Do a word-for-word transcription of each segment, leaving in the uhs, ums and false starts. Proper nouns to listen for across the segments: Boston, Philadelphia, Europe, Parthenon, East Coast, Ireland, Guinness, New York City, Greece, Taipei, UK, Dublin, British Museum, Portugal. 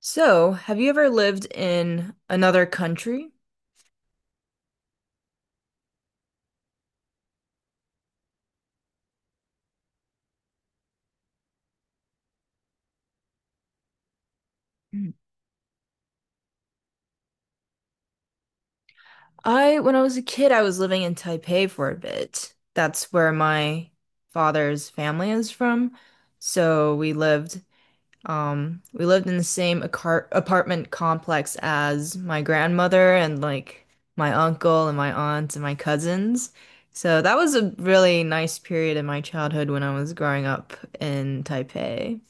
So, have you ever lived in another country? Mm. I, when I was a kid, I was living in Taipei for a bit. That's where my father's family is from. So we lived, um, we lived in the same acar apartment complex as my grandmother and like my uncle and my aunt and my cousins. So that was a really nice period in my childhood when I was growing up in Taipei.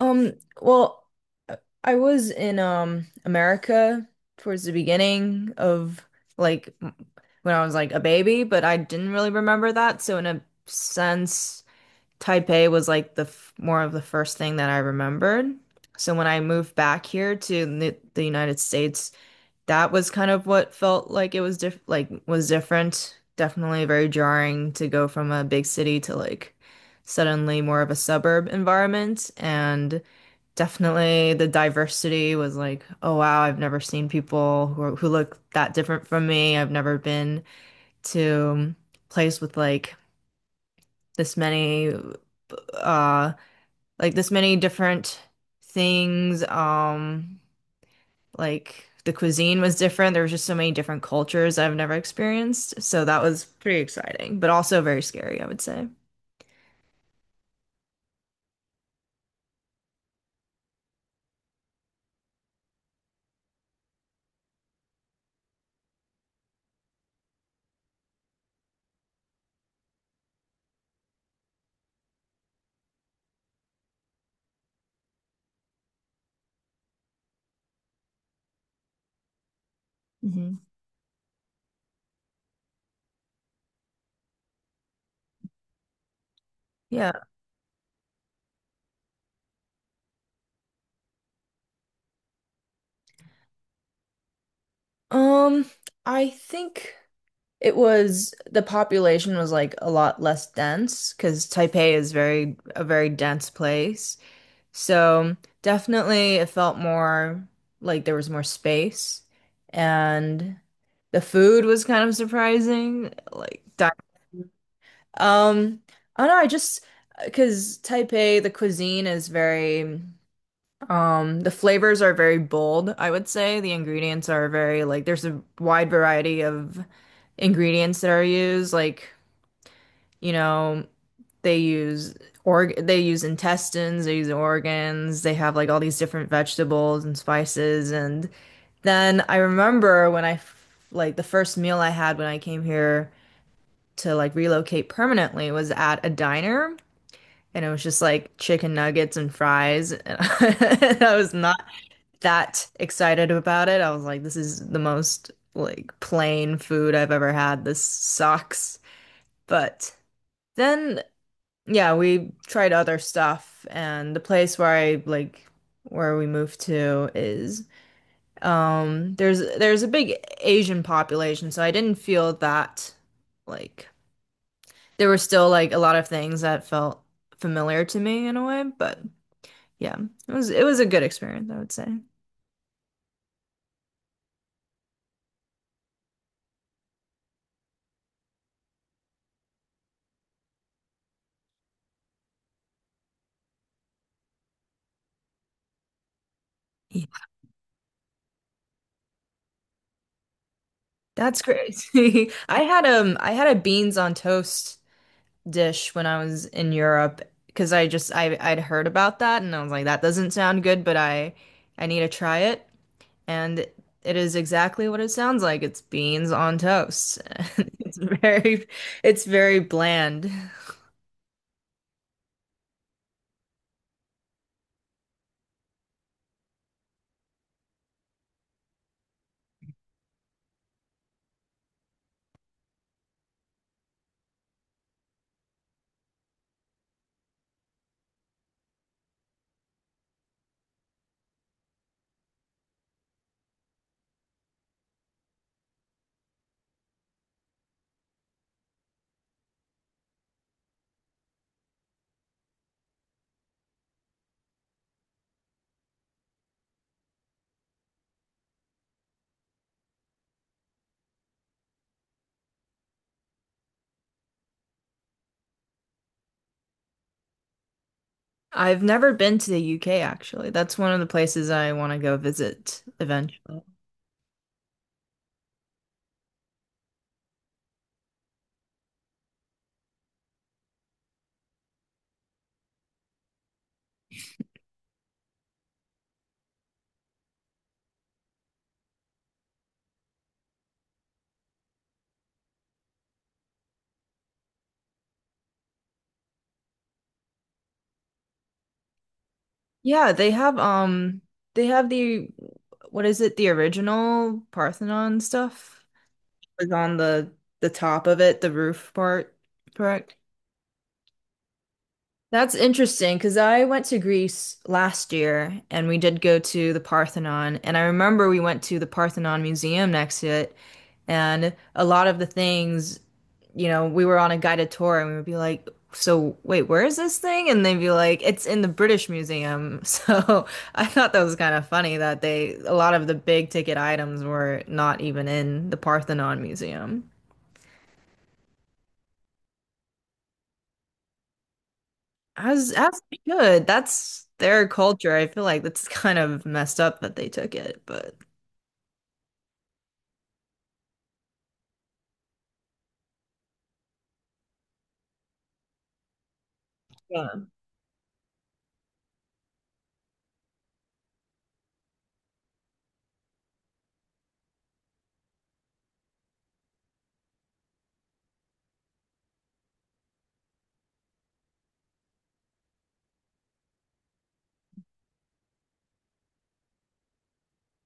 Um, well, uh, I was in um America towards the beginning of like m- when I was like a baby, but I didn't really remember that. So in a sense, Taipei was like the f more of the first thing that I remembered. So when I moved back here to the, the United States, that was kind of what felt like it was diff like was different. Definitely very jarring to go from a big city to like suddenly more of a suburb environment. And definitely the diversity was like, oh wow, I've never seen people who are, who look that different from me. I've never been to a place with like this many uh like this many different things. Um like the cuisine was different. There was just so many different cultures I've never experienced. So that was pretty exciting, but also very scary, I would say. Hmm. Yeah. Um, I think it was the population was like a lot less dense because Taipei is very a very dense place. So definitely it felt more like there was more space, and the food was kind of surprising. Like di- um I don't know, I just because Taipei, the cuisine is very um the flavors are very bold, I would say. The ingredients are very like there's a wide variety of ingredients that are used, like you know, they use org they use intestines, they use organs, they have like all these different vegetables and spices. And then I remember when I f- like the first meal I had when I came here to like relocate permanently was at a diner. And it was just like chicken nuggets and fries. And I was not that excited about it. I was like, this is the most like plain food I've ever had. This sucks. But then yeah, we tried other stuff, and the place where I like where we moved to is um there's there's a big Asian population, so I didn't feel that like there were still like a lot of things that felt familiar to me in a way, but yeah, it was it was a good experience, I would say. Yeah, that's great. I had um I had a beans on toast dish when I was in Europe because I just I I'd heard about that and I was like that doesn't sound good, but I I need to try it, and it is exactly what it sounds like. It's beans on toast. It's very, it's very bland. I've never been to the U K, actually. That's one of the places I want to go visit eventually. Yeah, they have um they have the what is it the original Parthenon stuff was on the the top of it, the roof part, correct? That's interesting because I went to Greece last year and we did go to the Parthenon. And I remember we went to the Parthenon Museum next to it. And a lot of the things, you know, we were on a guided tour and we would be like, so, wait, where is this thing? And they'd be like, it's in the British Museum. So I thought that was kind of funny that they, a lot of the big ticket items were not even in the Parthenon Museum. As as they should. That's their culture. I feel like that's kind of messed up that they took it, but yeah.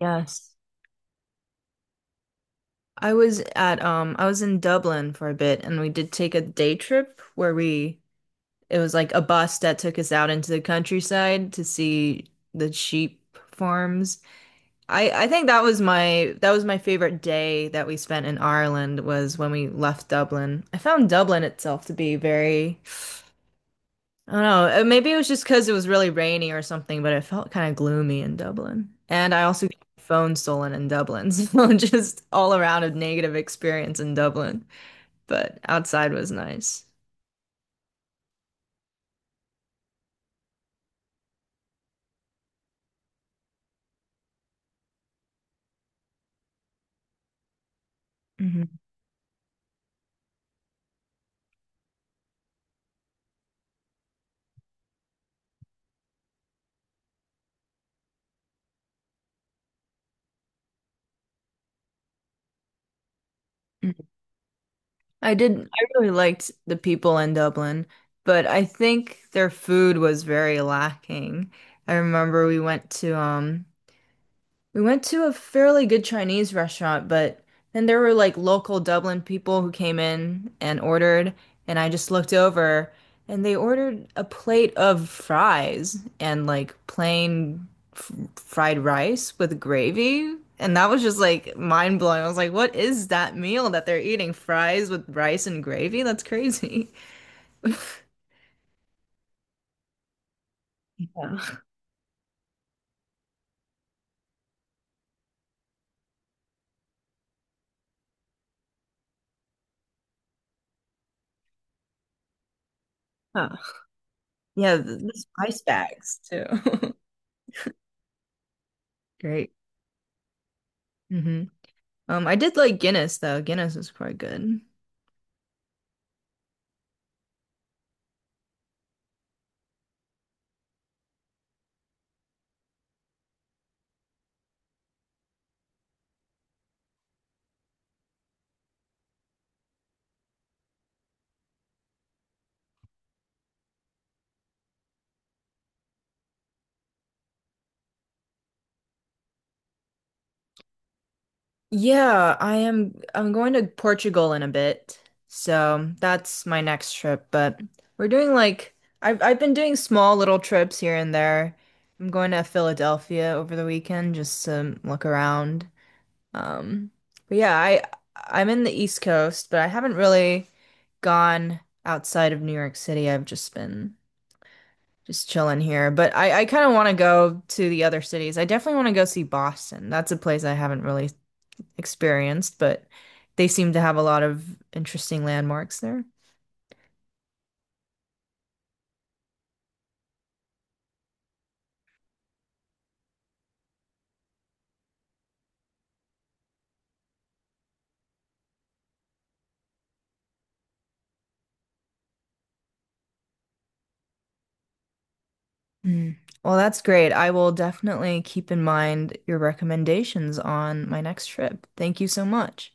Yes. I was at um I was in Dublin for a bit and we did take a day trip where we it was like a bus that took us out into the countryside to see the sheep farms. I I think that was my that was my favorite day that we spent in Ireland was when we left Dublin. I found Dublin itself to be very I don't know. uh, Maybe it was just because it was really rainy or something, but it felt kind of gloomy in Dublin. And I also got my phone stolen in Dublin. So just all around a negative experience in Dublin. But outside was nice. Hmm. I did, I really liked the people in Dublin, but I think their food was very lacking. I remember we went to um we went to a fairly good Chinese restaurant, but then there were like local Dublin people who came in and ordered, and I just looked over and they ordered a plate of fries and like plain f fried rice with gravy. And that was just like mind blowing. I was like, what is that meal that they're eating? Fries with rice and gravy? That's crazy. Yeah. Huh. Yeah, th- the spice bags too. Great. Hmm. Um, I did like Guinness though. Guinness is quite good. Yeah, I am, I'm going to Portugal in a bit. So that's my next trip, but we're doing like I've I've been doing small little trips here and there. I'm going to Philadelphia over the weekend just to look around. Um, but yeah, I I'm in the East Coast, but I haven't really gone outside of New York City. I've just been just chilling here, but I, I kind of want to go to the other cities. I definitely want to go see Boston. That's a place I haven't really experienced, but they seem to have a lot of interesting landmarks there. Mm. Well, that's great. I will definitely keep in mind your recommendations on my next trip. Thank you so much.